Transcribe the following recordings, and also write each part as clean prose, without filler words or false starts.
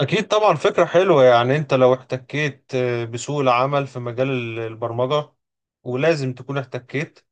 أكيد طبعا فكرة حلوة، يعني أنت لو احتكيت بسوق العمل في مجال البرمجة، ولازم تكون احتكيت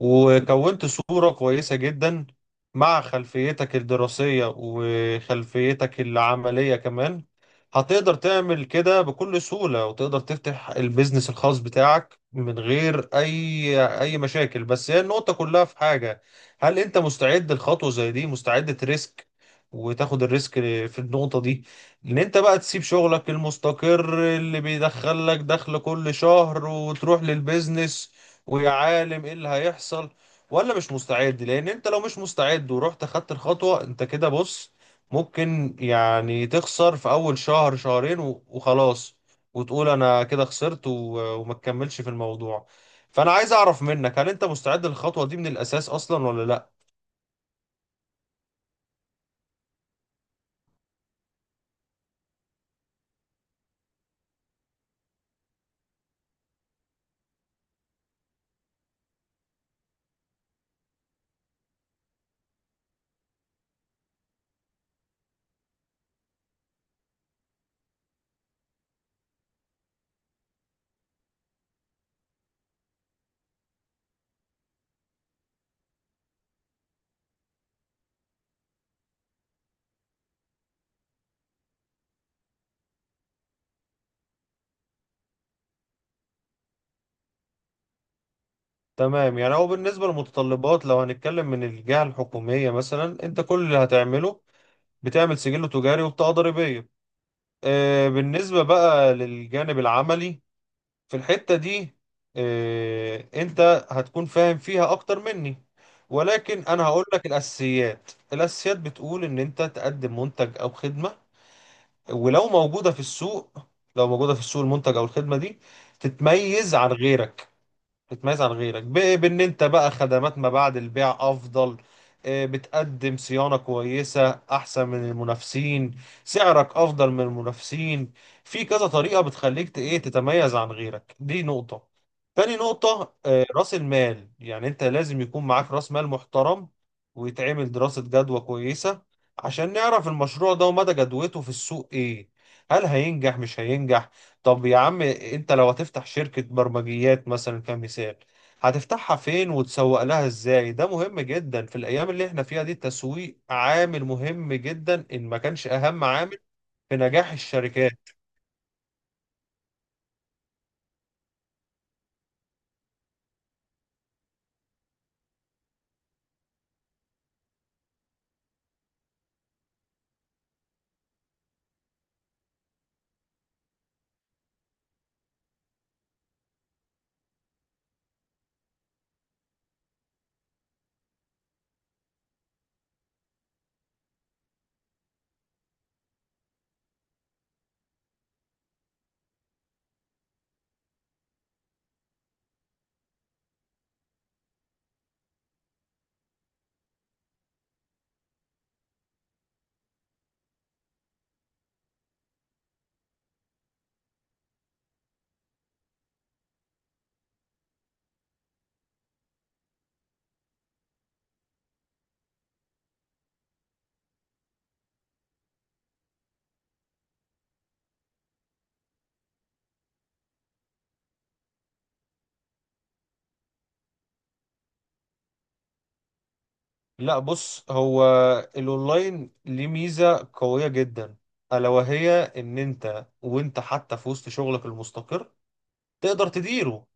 وكونت صورة كويسة جدا مع خلفيتك الدراسية وخلفيتك العملية كمان. هتقدر تعمل كده بكل سهولة وتقدر تفتح البيزنس الخاص بتاعك من غير أي مشاكل، بس هي النقطة كلها في حاجة: هل أنت مستعد لخطوة زي دي؟ مستعد تريسك وتاخد الريسك في النقطة دي، ان انت بقى تسيب شغلك المستقر اللي بيدخل لك دخل كل شهر وتروح للبيزنس ويا عالم ايه اللي هيحصل، ولا مش مستعد؟ لان انت لو مش مستعد ورحت اخدت الخطوة انت كده، بص، ممكن يعني تخسر في اول شهر شهرين وخلاص، وتقول انا كده خسرت وما تكملش في الموضوع. فانا عايز اعرف منك، هل انت مستعد للخطوة دي من الاساس اصلا ولا لا؟ تمام. يعني هو بالنسبة للمتطلبات، لو هنتكلم من الجهة الحكومية مثلا، انت كل اللي هتعمله بتعمل سجل تجاري وبطاقة ضريبية. بالنسبة بقى للجانب العملي في الحتة دي، انت هتكون فاهم فيها اكتر مني، ولكن انا هقول لك الاساسيات. الاساسيات بتقول ان انت تقدم منتج او خدمة، ولو موجودة في السوق، لو موجودة في السوق المنتج او الخدمة دي تتميز عن غيرك. بتميز عن غيرك بان انت بقى خدمات ما بعد البيع افضل، بتقدم صيانة كويسة احسن من المنافسين، سعرك افضل من المنافسين. في كذا طريقة بتخليك ت- ايه تتميز عن غيرك، دي نقطة. تاني نقطة، راس المال، يعني انت لازم يكون معاك راس مال محترم، ويتعمل دراسة جدوى كويسة عشان نعرف المشروع ده ومدى جدوته في السوق ايه، هل هينجح مش هينجح. طب يا عم انت لو هتفتح شركة برمجيات مثلا كمثال، هتفتحها فين وتسوق لها ازاي؟ ده مهم جدا في الايام اللي احنا فيها دي، التسويق عامل مهم جدا ان ما كانش اهم عامل في نجاح الشركات. لا بص هو، الاونلاين ليه ميزة قوية جدا، الا وهي ان انت وانت حتى في وسط شغلك المستقر تقدر تديره.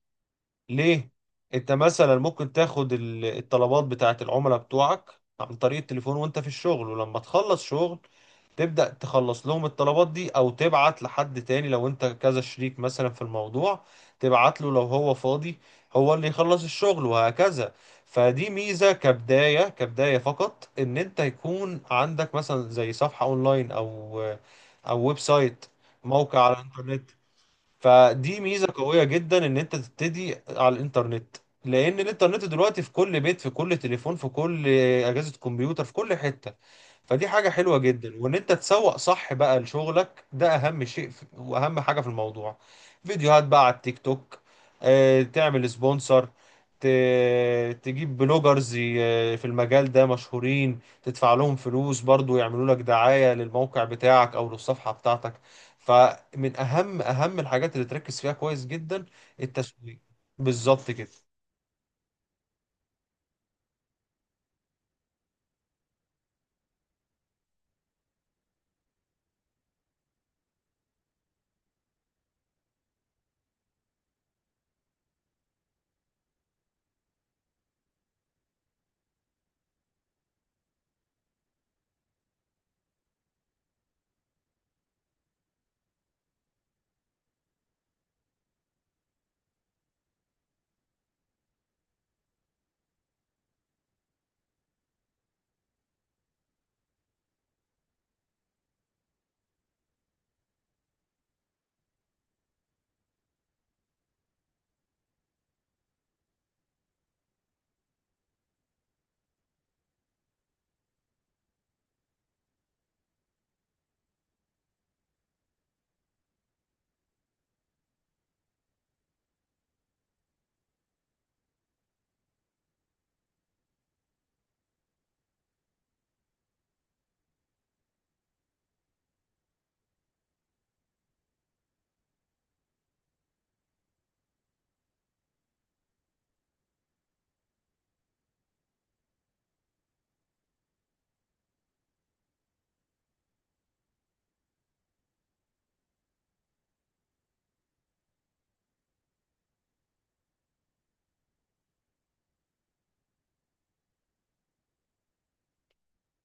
ليه؟ انت مثلا ممكن تاخد الطلبات بتاعت العملاء بتوعك عن طريق التليفون وانت في الشغل، ولما تخلص شغل تبدأ تخلص لهم الطلبات دي، او تبعت لحد تاني لو انت كذا شريك مثلا في الموضوع، تبعت له لو هو فاضي هو اللي يخلص الشغل، وهكذا. فدي ميزة كبداية، كبداية فقط، ان انت يكون عندك مثلا زي صفحة اونلاين او او ويب سايت، موقع على الانترنت. فدي ميزة قوية جدا ان انت تبتدي على الانترنت، لان الانترنت دلوقتي في كل بيت، في كل تليفون، في كل اجهزة كمبيوتر، في كل حتة. فدي حاجة حلوة جدا، وان انت تسوق صح بقى لشغلك ده اهم شيء واهم حاجة في الموضوع. فيديوهات بقى على التيك توك، تعمل سبونسر، تجيب بلوجرز في المجال ده مشهورين، تدفع لهم فلوس برضو يعملوا لك دعاية للموقع بتاعك او للصفحة بتاعتك. فمن اهم الحاجات اللي تركز فيها كويس جدا التسويق. بالظبط كده.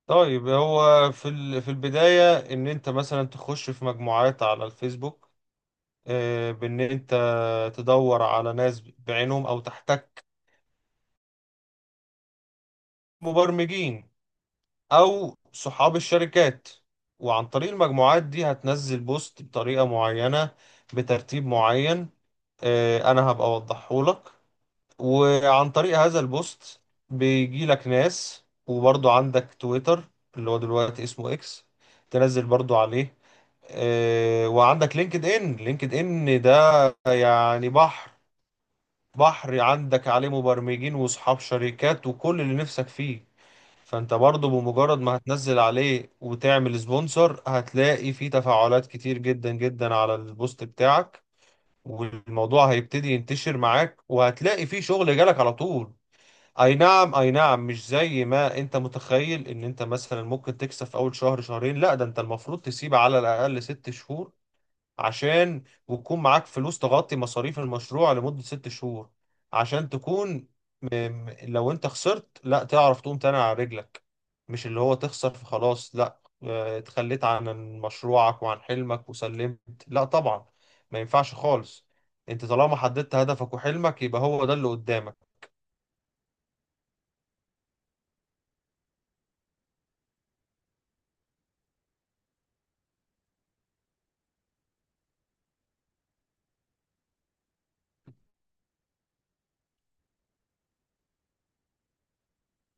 طيب هو في في البداية، إن أنت مثلا تخش في مجموعات على الفيسبوك، بإن أنت تدور على ناس بعينهم أو تحتك مبرمجين أو صحاب الشركات، وعن طريق المجموعات دي هتنزل بوست بطريقة معينة بترتيب معين، أنا هبقى أوضحهولك. وعن طريق هذا البوست بيجي لك ناس. وبرضو عندك تويتر اللي هو دلوقتي اسمه اكس، تنزل برضو عليه. وعندك لينكد ان، لينكد ان ده يعني بحر، بحر، عندك عليه مبرمجين واصحاب شركات وكل اللي نفسك فيه. فانت برضو بمجرد ما هتنزل عليه وتعمل سبونسر هتلاقي فيه تفاعلات كتير جدا جدا على البوست بتاعك، والموضوع هيبتدي ينتشر معاك وهتلاقي فيه شغل جالك على طول. اي نعم اي نعم، مش زي ما انت متخيل ان انت مثلا ممكن تكسب في اول شهر شهرين، لا، ده انت المفروض تسيب على الاقل 6 شهور، عشان وتكون معاك فلوس تغطي مصاريف المشروع لمدة 6 شهور، عشان تكون لو انت خسرت لا تعرف تقوم تاني على رجلك. مش اللي هو تخسر فخلاص لا، اتخليت عن مشروعك وعن حلمك وسلمت، لا طبعا، ما ينفعش خالص. انت طالما حددت هدفك وحلمك يبقى هو ده اللي قدامك.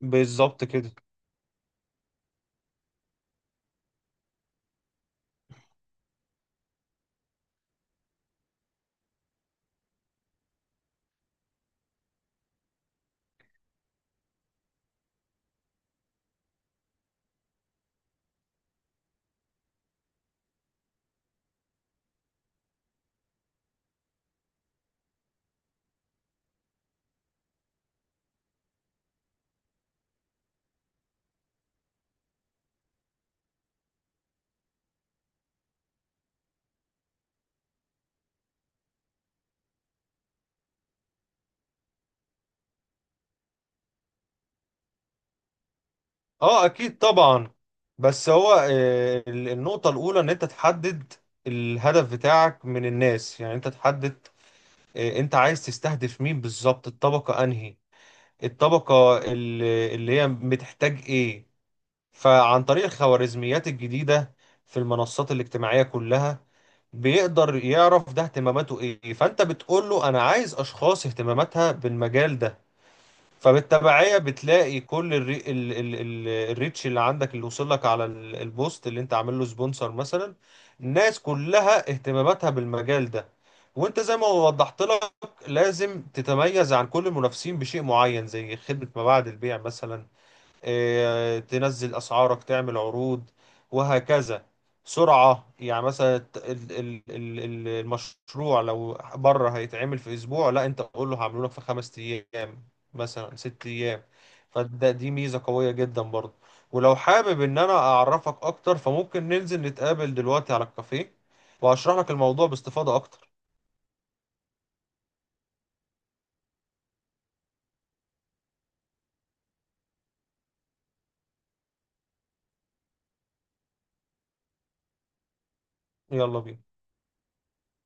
بالظبط كده. اه اكيد طبعا. بس هو النقطة الاولى ان انت تحدد الهدف بتاعك من الناس، يعني انت تحدد انت عايز تستهدف مين بالظبط، الطبقة انهي، الطبقة اللي هي بتحتاج ايه. فعن طريق الخوارزميات الجديدة في المنصات الاجتماعية كلها، بيقدر يعرف ده اهتماماته ايه، فانت بتقول له انا عايز اشخاص اهتماماتها بالمجال ده. فبالتبعية بتلاقي كل الريتش اللي عندك اللي وصل لك على البوست اللي انت عامل له سبونسر مثلا، الناس كلها اهتماماتها بالمجال ده. وانت زي ما وضحت لك، لازم تتميز عن كل المنافسين بشيء معين زي خدمة ما بعد البيع مثلا، تنزل اسعارك، تعمل عروض، وهكذا. سرعة يعني مثلا، المشروع لو بره هيتعمل في اسبوع، لا انت قول له هعمله لك في 5 ايام، مثلا 6 ايام. فده دي ميزة قوية جدا برضه. ولو حابب ان انا اعرفك اكتر فممكن ننزل نتقابل دلوقتي على الكافيه وهشرح لك الموضوع باستفاضة اكتر. يلا بينا.